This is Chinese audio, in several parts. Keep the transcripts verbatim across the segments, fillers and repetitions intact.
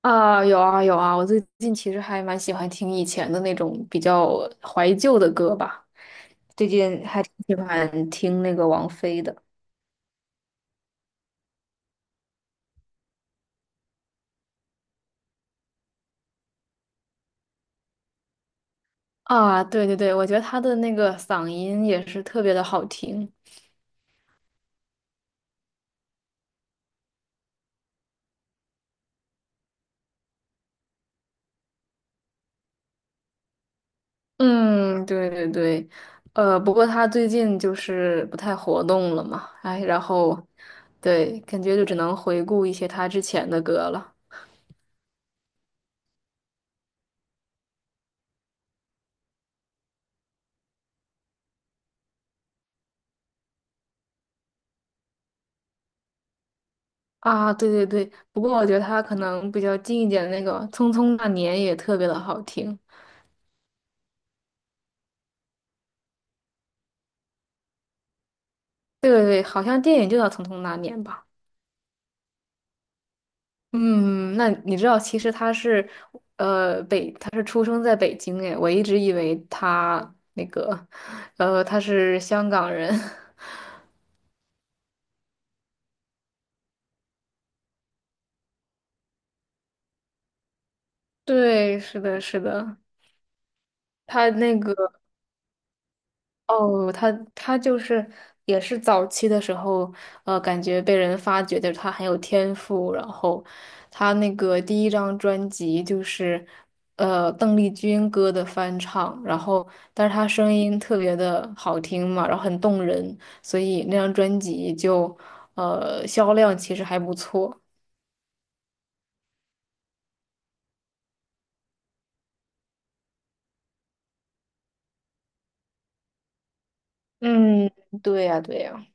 啊，有啊有啊，我最近其实还蛮喜欢听以前的那种比较怀旧的歌吧，最近还挺喜欢听那个王菲的。啊，对对对，我觉得她的那个嗓音也是特别的好听。嗯，对对对，呃，不过她最近就是不太活动了嘛，哎，然后对，感觉就只能回顾一些她之前的歌了。啊，对对对，不过我觉得她可能比较近一点的那个《匆匆那年》也特别的好听。对对对，好像电影就叫《匆匆那年》吧？嗯，那你知道，其实他是，呃，北，他是出生在北京诶，我一直以为他那个，呃，他是香港人。对，是的，是的，他那个。哦，他他就是也是早期的时候，呃，感觉被人发掘的他很有天赋，然后他那个第一张专辑就是呃邓丽君歌的翻唱，然后但是他声音特别的好听嘛，然后很动人，所以那张专辑就呃销量其实还不错。嗯，对呀，对呀。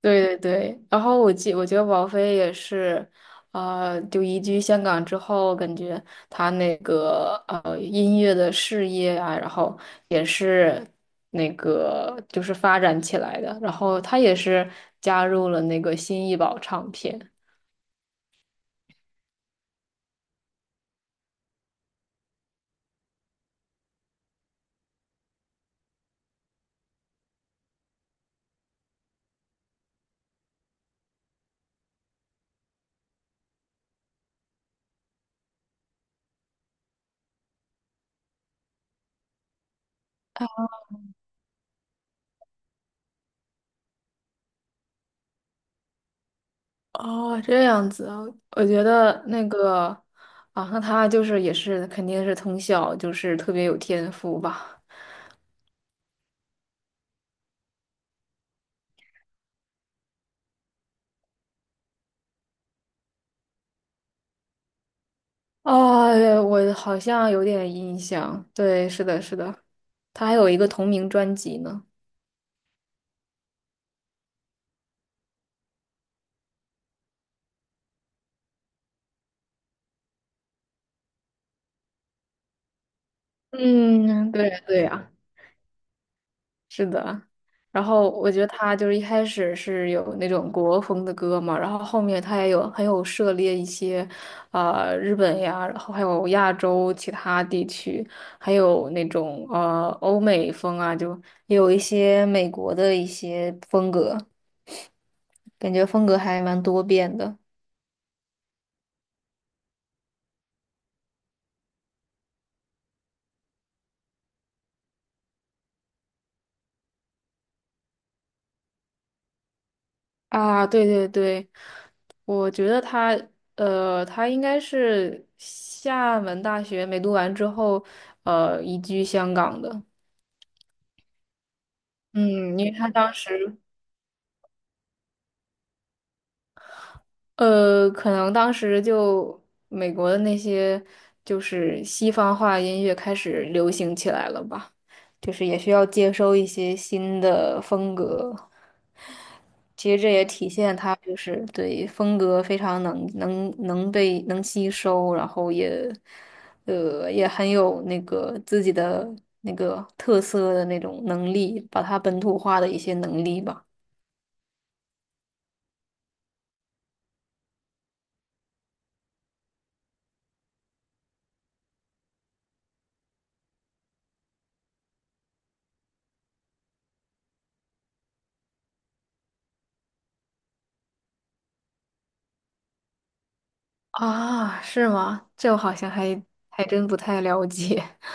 对对对，然后我记，我觉得王菲也是，啊，就移居香港之后，感觉她那个呃音乐的事业啊，然后也是那个就是发展起来的，然后她也是加入了那个新艺宝唱片。哦，这样子啊，我觉得那个啊，那她就是也是肯定是从小就是特别有天赋吧。啊，我好像有点印象，对，是的，是的。他还有一个同名专辑呢。嗯，对呀，对呀，是的。然后我觉得他就是一开始是有那种国风的歌嘛，然后后面他也有很有涉猎一些，呃，日本呀，然后还有亚洲其他地区，还有那种呃欧美风啊，就也有一些美国的一些风格，感觉风格还蛮多变的啊。对对对，我觉得他，呃，他应该是厦门大学没读完之后，呃，移居香港的。嗯，因为他当时，呃，可能当时就美国的那些就是西方化音乐开始流行起来了吧，就是也需要接收一些新的风格。其实这也体现他就是对风格非常能能能被能吸收，然后也呃也很有那个自己的那个特色的那种能力，把它本土化的一些能力吧。啊，是吗？这我好像还还真不太了解。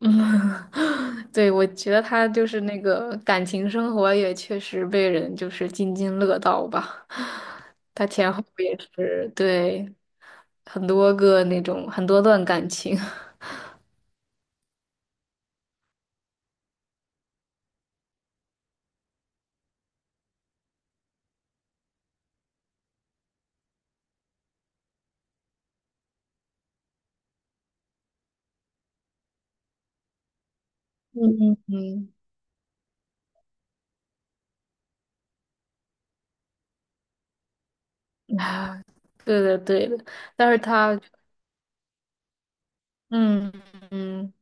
嗯，对，我觉得他就是那个感情生活也确实被人就是津津乐道吧。他前后也是，对，很多个那种很多段感情。嗯嗯，嗯啊，对的对的，但是他，嗯嗯，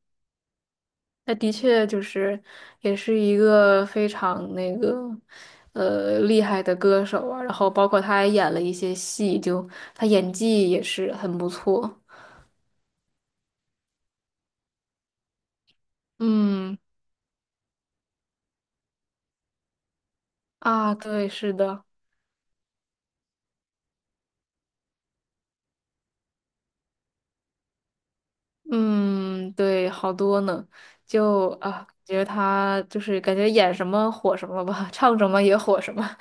他的确就是也是一个非常那个呃厉害的歌手啊，然后包括他还演了一些戏，就他演技也是很不错。嗯啊，对，是的。嗯，对，好多呢，就啊，感觉得他就是感觉演什么火什么吧，唱什么也火什么，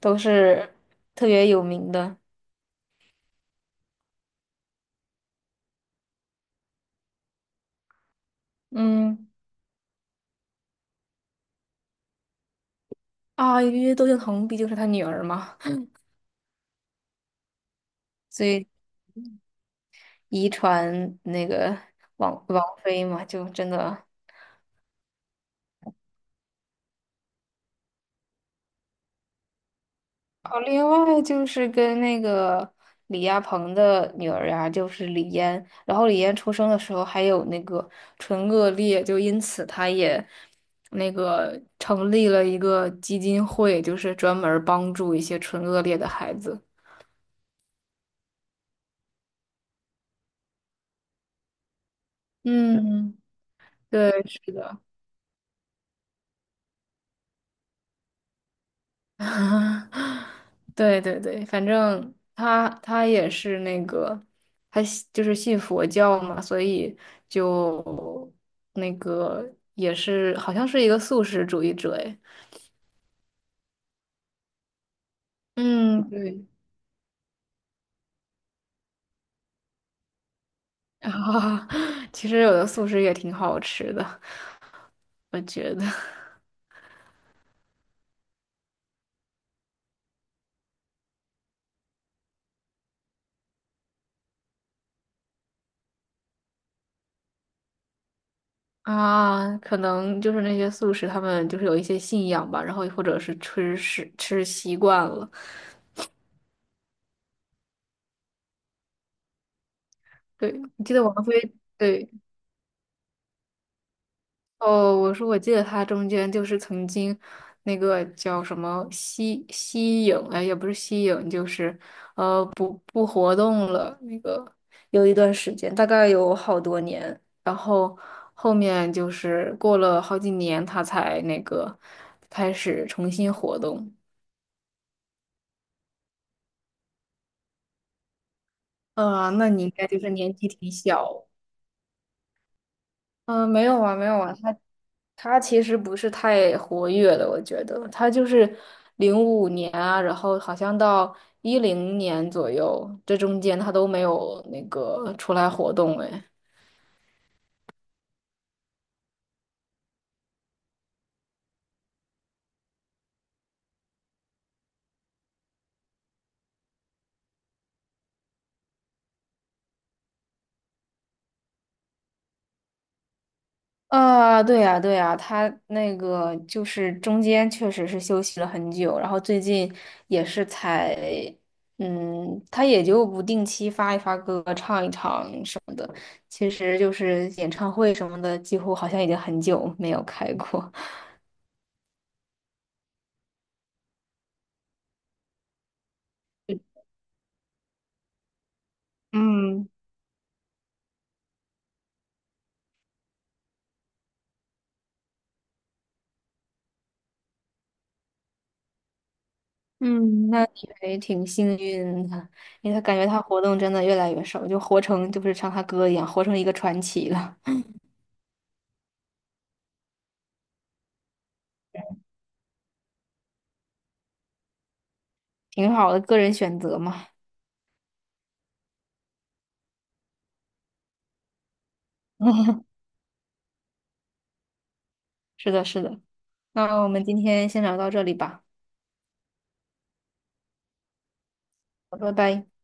都是特别有名的。嗯，啊，因为窦靖童毕竟是他女儿嘛，所以遗传那个王王菲嘛，就真的。哦，另外就是跟那个李亚鹏的女儿呀、就是李嫣，然后李嫣出生的时候还有那个唇腭裂，就因此她也那个成立了一个基金会，就是专门儿帮助一些唇腭裂的孩子。嗯，对，是的。对对对，反正他他也是那个，他信就是信佛教嘛，所以就那个也是好像是一个素食主义者诶嗯，对。啊，其实有的素食也挺好吃的，我觉得。啊，可能就是那些素食，他们就是有一些信仰吧，然后或者是吃吃吃习惯了。对，我记得王菲，对，哦，我说我记得他中间就是曾经那个叫什么吸吸影，哎，也不是吸影，就是呃不不活动了，那个有一段时间，大概有好多年，然后后面就是过了好几年，他才那个开始重新活动。嗯，那你应该就是年纪挺小。嗯、没有啊，没有啊，他。他其实不是太活跃的，我觉得他就是零五年啊，然后好像到一零年左右，这中间他都没有那个出来活动哎。啊，对呀，对呀，他那个就是中间确实是休息了很久，然后最近也是才，嗯，他也就不定期发一发歌，唱一唱什么的，其实就是演唱会什么的，几乎好像已经很久没有开过。嗯，嗯，那你还挺幸运的，因为他感觉他活动真的越来越少，就活成就是像他哥一样，活成一个传奇了，挺好的，个人选择嘛。是的，是的。那我们今天先聊到这里吧，好拜拜。